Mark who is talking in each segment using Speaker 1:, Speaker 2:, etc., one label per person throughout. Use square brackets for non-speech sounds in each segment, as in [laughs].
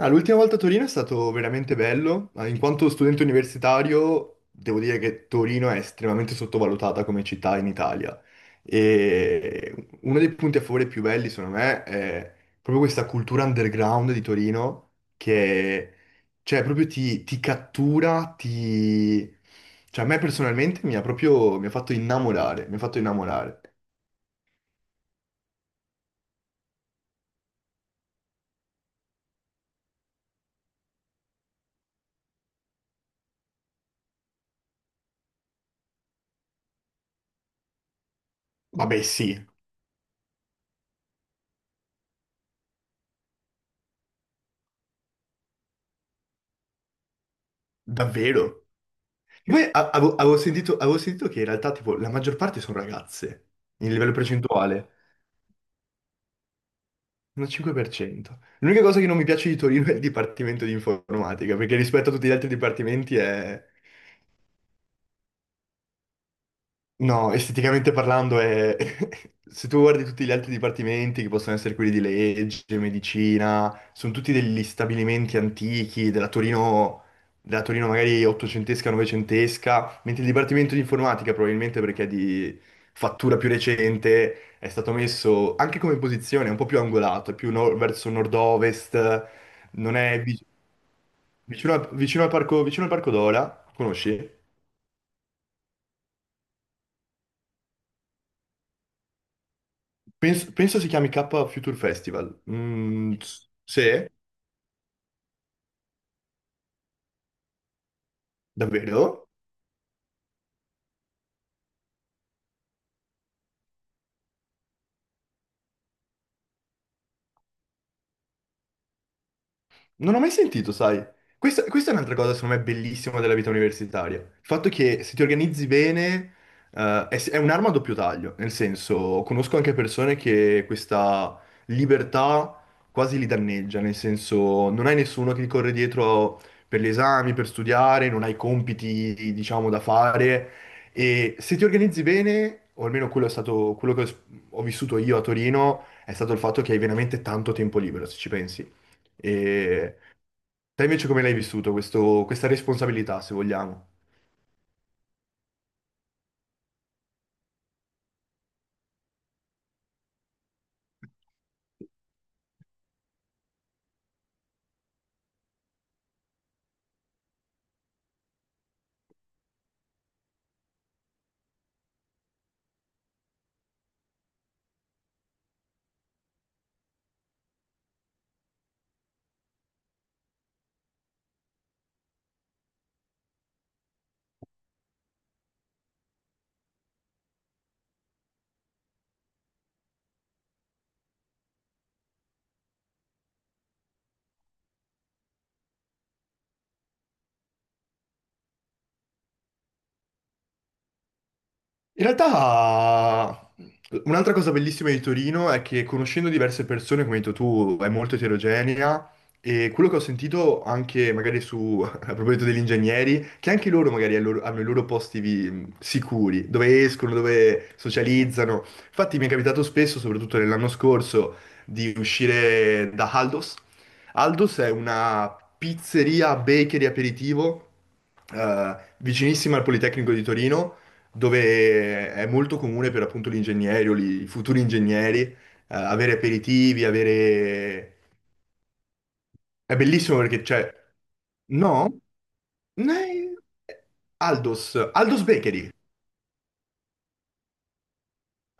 Speaker 1: Ah, l'ultima volta a Torino è stato veramente bello. Ah, in quanto studente universitario, devo dire che Torino è estremamente sottovalutata come città in Italia. E uno dei punti a favore più belli, secondo me, è proprio questa cultura underground di Torino che, cioè, proprio ti cattura. Cioè, a me personalmente mi ha fatto innamorare, mi ha fatto innamorare. Vabbè, sì, davvero. E poi avevo sentito che in realtà tipo la maggior parte sono ragazze, in livello percentuale, un 5%. L'unica cosa che non mi piace di Torino è il dipartimento di informatica, perché rispetto a tutti gli altri dipartimenti è, no, esteticamente parlando. [laughs] Se tu guardi tutti gli altri dipartimenti, che possono essere quelli di legge, medicina, sono tutti degli stabilimenti antichi della Torino magari ottocentesca, novecentesca, mentre il dipartimento di informatica, probabilmente perché è di fattura più recente, è stato messo anche come posizione un po' più angolato, è più verso nord-ovest, non è vicino, vicino al parco Dola, conosci? Penso si chiami K Future Festival. Mm, sì, davvero? Non ho mai sentito, sai. Questa è un'altra cosa, secondo me, bellissima della vita universitaria. Il fatto che se ti organizzi bene, è un'arma a doppio taglio. Nel senso, conosco anche persone che questa libertà quasi li danneggia. Nel senso, non hai nessuno che ti corre dietro per gli esami, per studiare, non hai compiti, diciamo, da fare. E se ti organizzi bene, o almeno quello è stato quello che ho vissuto io a Torino, è stato il fatto che hai veramente tanto tempo libero, se ci pensi. E te invece come l'hai vissuto questa responsabilità, se vogliamo? In realtà, un'altra cosa bellissima di Torino è che conoscendo diverse persone, come hai detto tu, è molto eterogenea e quello che ho sentito anche magari su, [laughs] a proposito degli ingegneri, che anche loro magari hanno i loro posti sicuri, dove escono, dove socializzano. Infatti mi è capitato spesso, soprattutto nell'anno scorso, di uscire da Aldos. Aldos è una pizzeria, bakery, aperitivo vicinissima al Politecnico di Torino dove è molto comune per appunto gli ingegneri o i futuri ingegneri avere aperitivi, avere... È bellissimo perché c'è... No? Ne- Aldos, Aldos Bakery.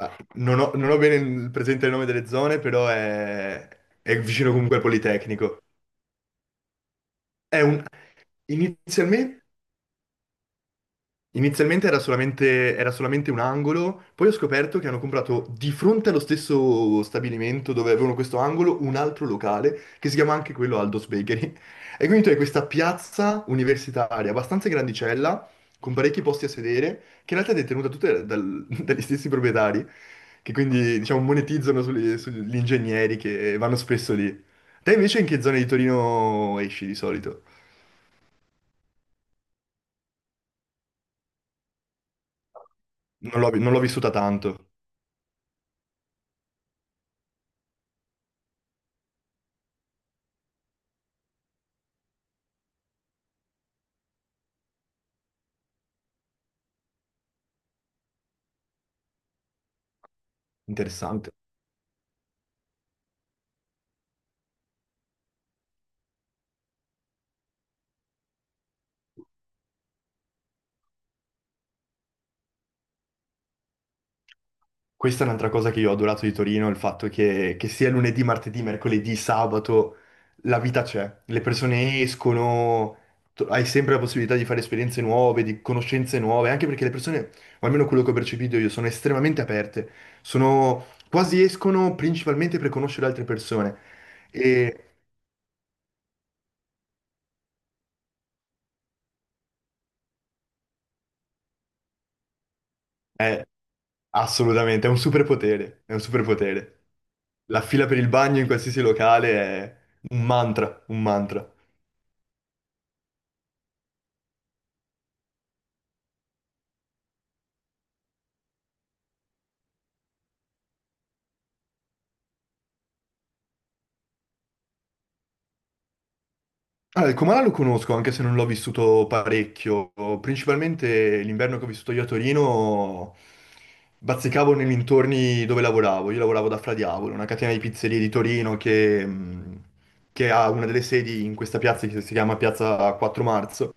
Speaker 1: Ah, non ho bene presente il nome delle zone, però è vicino comunque al Politecnico. È un... Inizialmente... Inizialmente era solamente un angolo, poi ho scoperto che hanno comprato di fronte allo stesso stabilimento dove avevano questo angolo un altro locale che si chiama anche quello Aldo's Bakery. [laughs] E quindi tu hai questa piazza universitaria abbastanza grandicella, con parecchi posti a sedere, che in realtà è detenuta tutta [laughs] dagli stessi proprietari, che quindi diciamo monetizzano sugli ingegneri che vanno spesso lì. Te invece in che zone di Torino esci di solito? Non l'ho vissuta tanto. Interessante. Questa è un'altra cosa che io ho adorato di Torino, il fatto che sia lunedì, martedì, mercoledì, sabato, la vita c'è. Le persone escono, hai sempre la possibilità di fare esperienze nuove, di conoscenze nuove, anche perché le persone, o almeno quello che ho percepito io, sono estremamente aperte. Sono, quasi escono principalmente per conoscere altre persone. E è assolutamente, è un superpotere, è un superpotere. La fila per il bagno in qualsiasi locale è un mantra, un mantra. Allora, il Comala lo conosco, anche se non l'ho vissuto parecchio. Principalmente l'inverno che ho vissuto io a Torino, bazzicavo nei dintorni dove lavoravo. Io lavoravo da Fra Diavolo, una catena di pizzerie di Torino che ha una delle sedi in questa piazza che si chiama Piazza IV Marzo.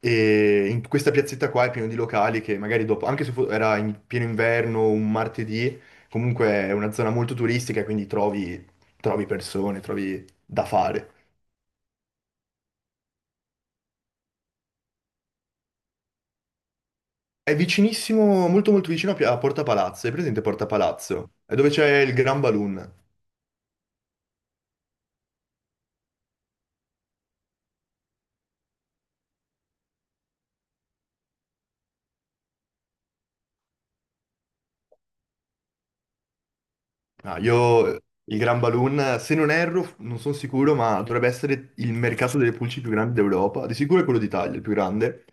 Speaker 1: E in questa piazzetta qua è pieno di locali che magari dopo, anche se era in pieno inverno, un martedì, comunque è una zona molto turistica, quindi trovi persone, trovi da fare. È vicinissimo, molto molto vicino a Porta Palazzo, è presente Porta Palazzo? È dove c'è il Gran Balloon. Ah, io il Gran Balloon, se non erro, non sono sicuro, ma dovrebbe essere il mercato delle pulci più grande d'Europa. Di sicuro è quello d'Italia, il più grande.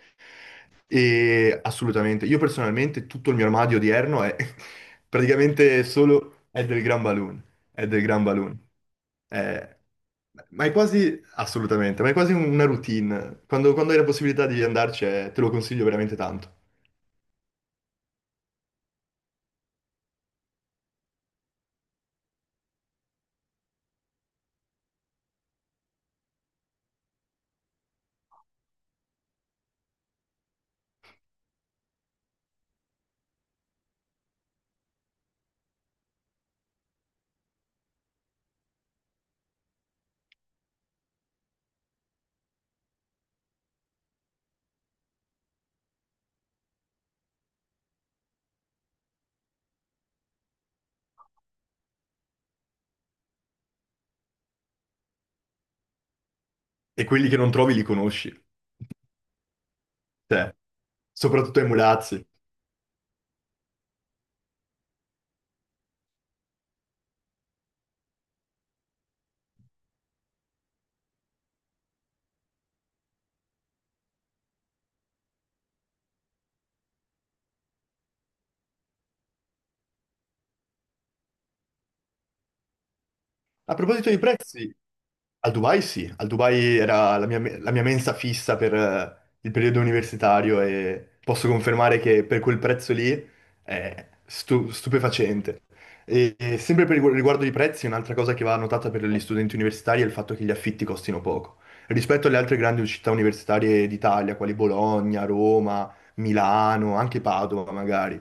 Speaker 1: E assolutamente, io personalmente tutto il mio armadio odierno è [laughs] praticamente solo è del Gran Balloon, è del Gran Balloon. Eh, ma è quasi, assolutamente, ma è quasi una routine. Quando hai la possibilità di andarci, te lo consiglio veramente tanto. E quelli che non trovi li conosci, cioè, soprattutto ai mulazzi. A proposito di prezzi, al Dubai sì, al Dubai era la mia mensa fissa per il periodo universitario e posso confermare che per quel prezzo lì è stupefacente. E sempre per riguardo i prezzi, un'altra cosa che va notata per gli studenti universitari è il fatto che gli affitti costino poco. Rispetto alle altre grandi città universitarie d'Italia, quali Bologna, Roma, Milano, anche Padova magari,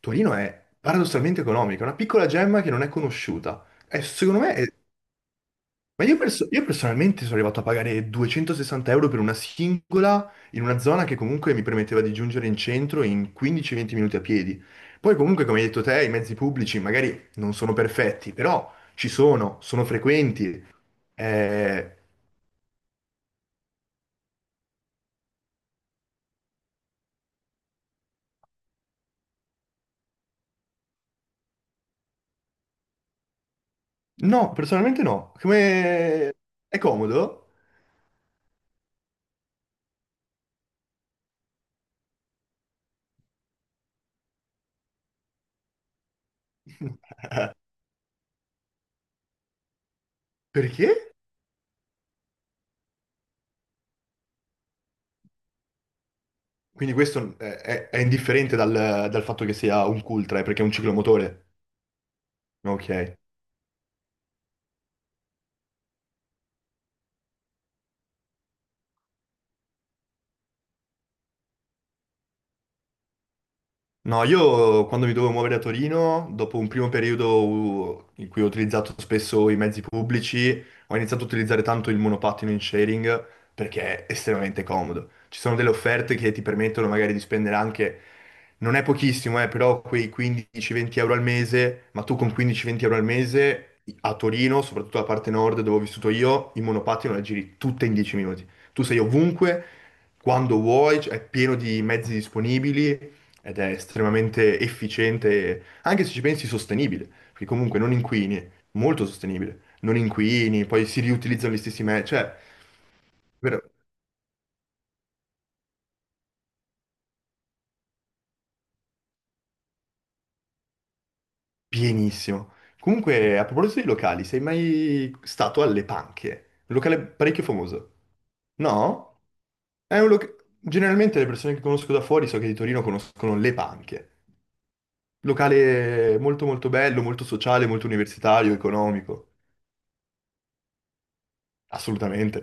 Speaker 1: Torino è paradossalmente economica, è una piccola gemma che non è conosciuta. E secondo me è ma io personalmente sono arrivato a pagare 260 euro per una singola in una zona che comunque mi permetteva di giungere in centro in 15-20 minuti a piedi. Poi comunque, come hai detto te, i mezzi pubblici magari non sono perfetti, però ci sono, sono frequenti. Eh, No, personalmente no. Come... È comodo? [laughs] Perché? Quindi questo è indifferente dal fatto che sia un cultra, perché è un ciclomotore. Ok. No, io quando mi dovevo muovere a Torino, dopo un primo periodo in cui ho utilizzato spesso i mezzi pubblici, ho iniziato a utilizzare tanto il monopattino in sharing perché è estremamente comodo. Ci sono delle offerte che ti permettono magari di spendere anche, non è pochissimo, però quei 15-20 euro al mese, ma tu con 15-20 euro al mese a Torino, soprattutto la parte nord dove ho vissuto io, il monopattino la giri tutta in 10 minuti. Tu sei ovunque, quando vuoi, è pieno di mezzi disponibili ed è estremamente efficiente, anche se ci pensi sostenibile, perché comunque non inquini, molto sostenibile, non inquini, poi si riutilizzano gli stessi mezzi, cioè, davvero, pienissimo. Comunque, a proposito di locali, sei mai stato alle Panche? Un locale parecchio famoso. No? Generalmente le persone che conosco da fuori, so che di Torino conoscono le Panche. Locale molto molto bello, molto sociale, molto universitario, economico. Assolutamente.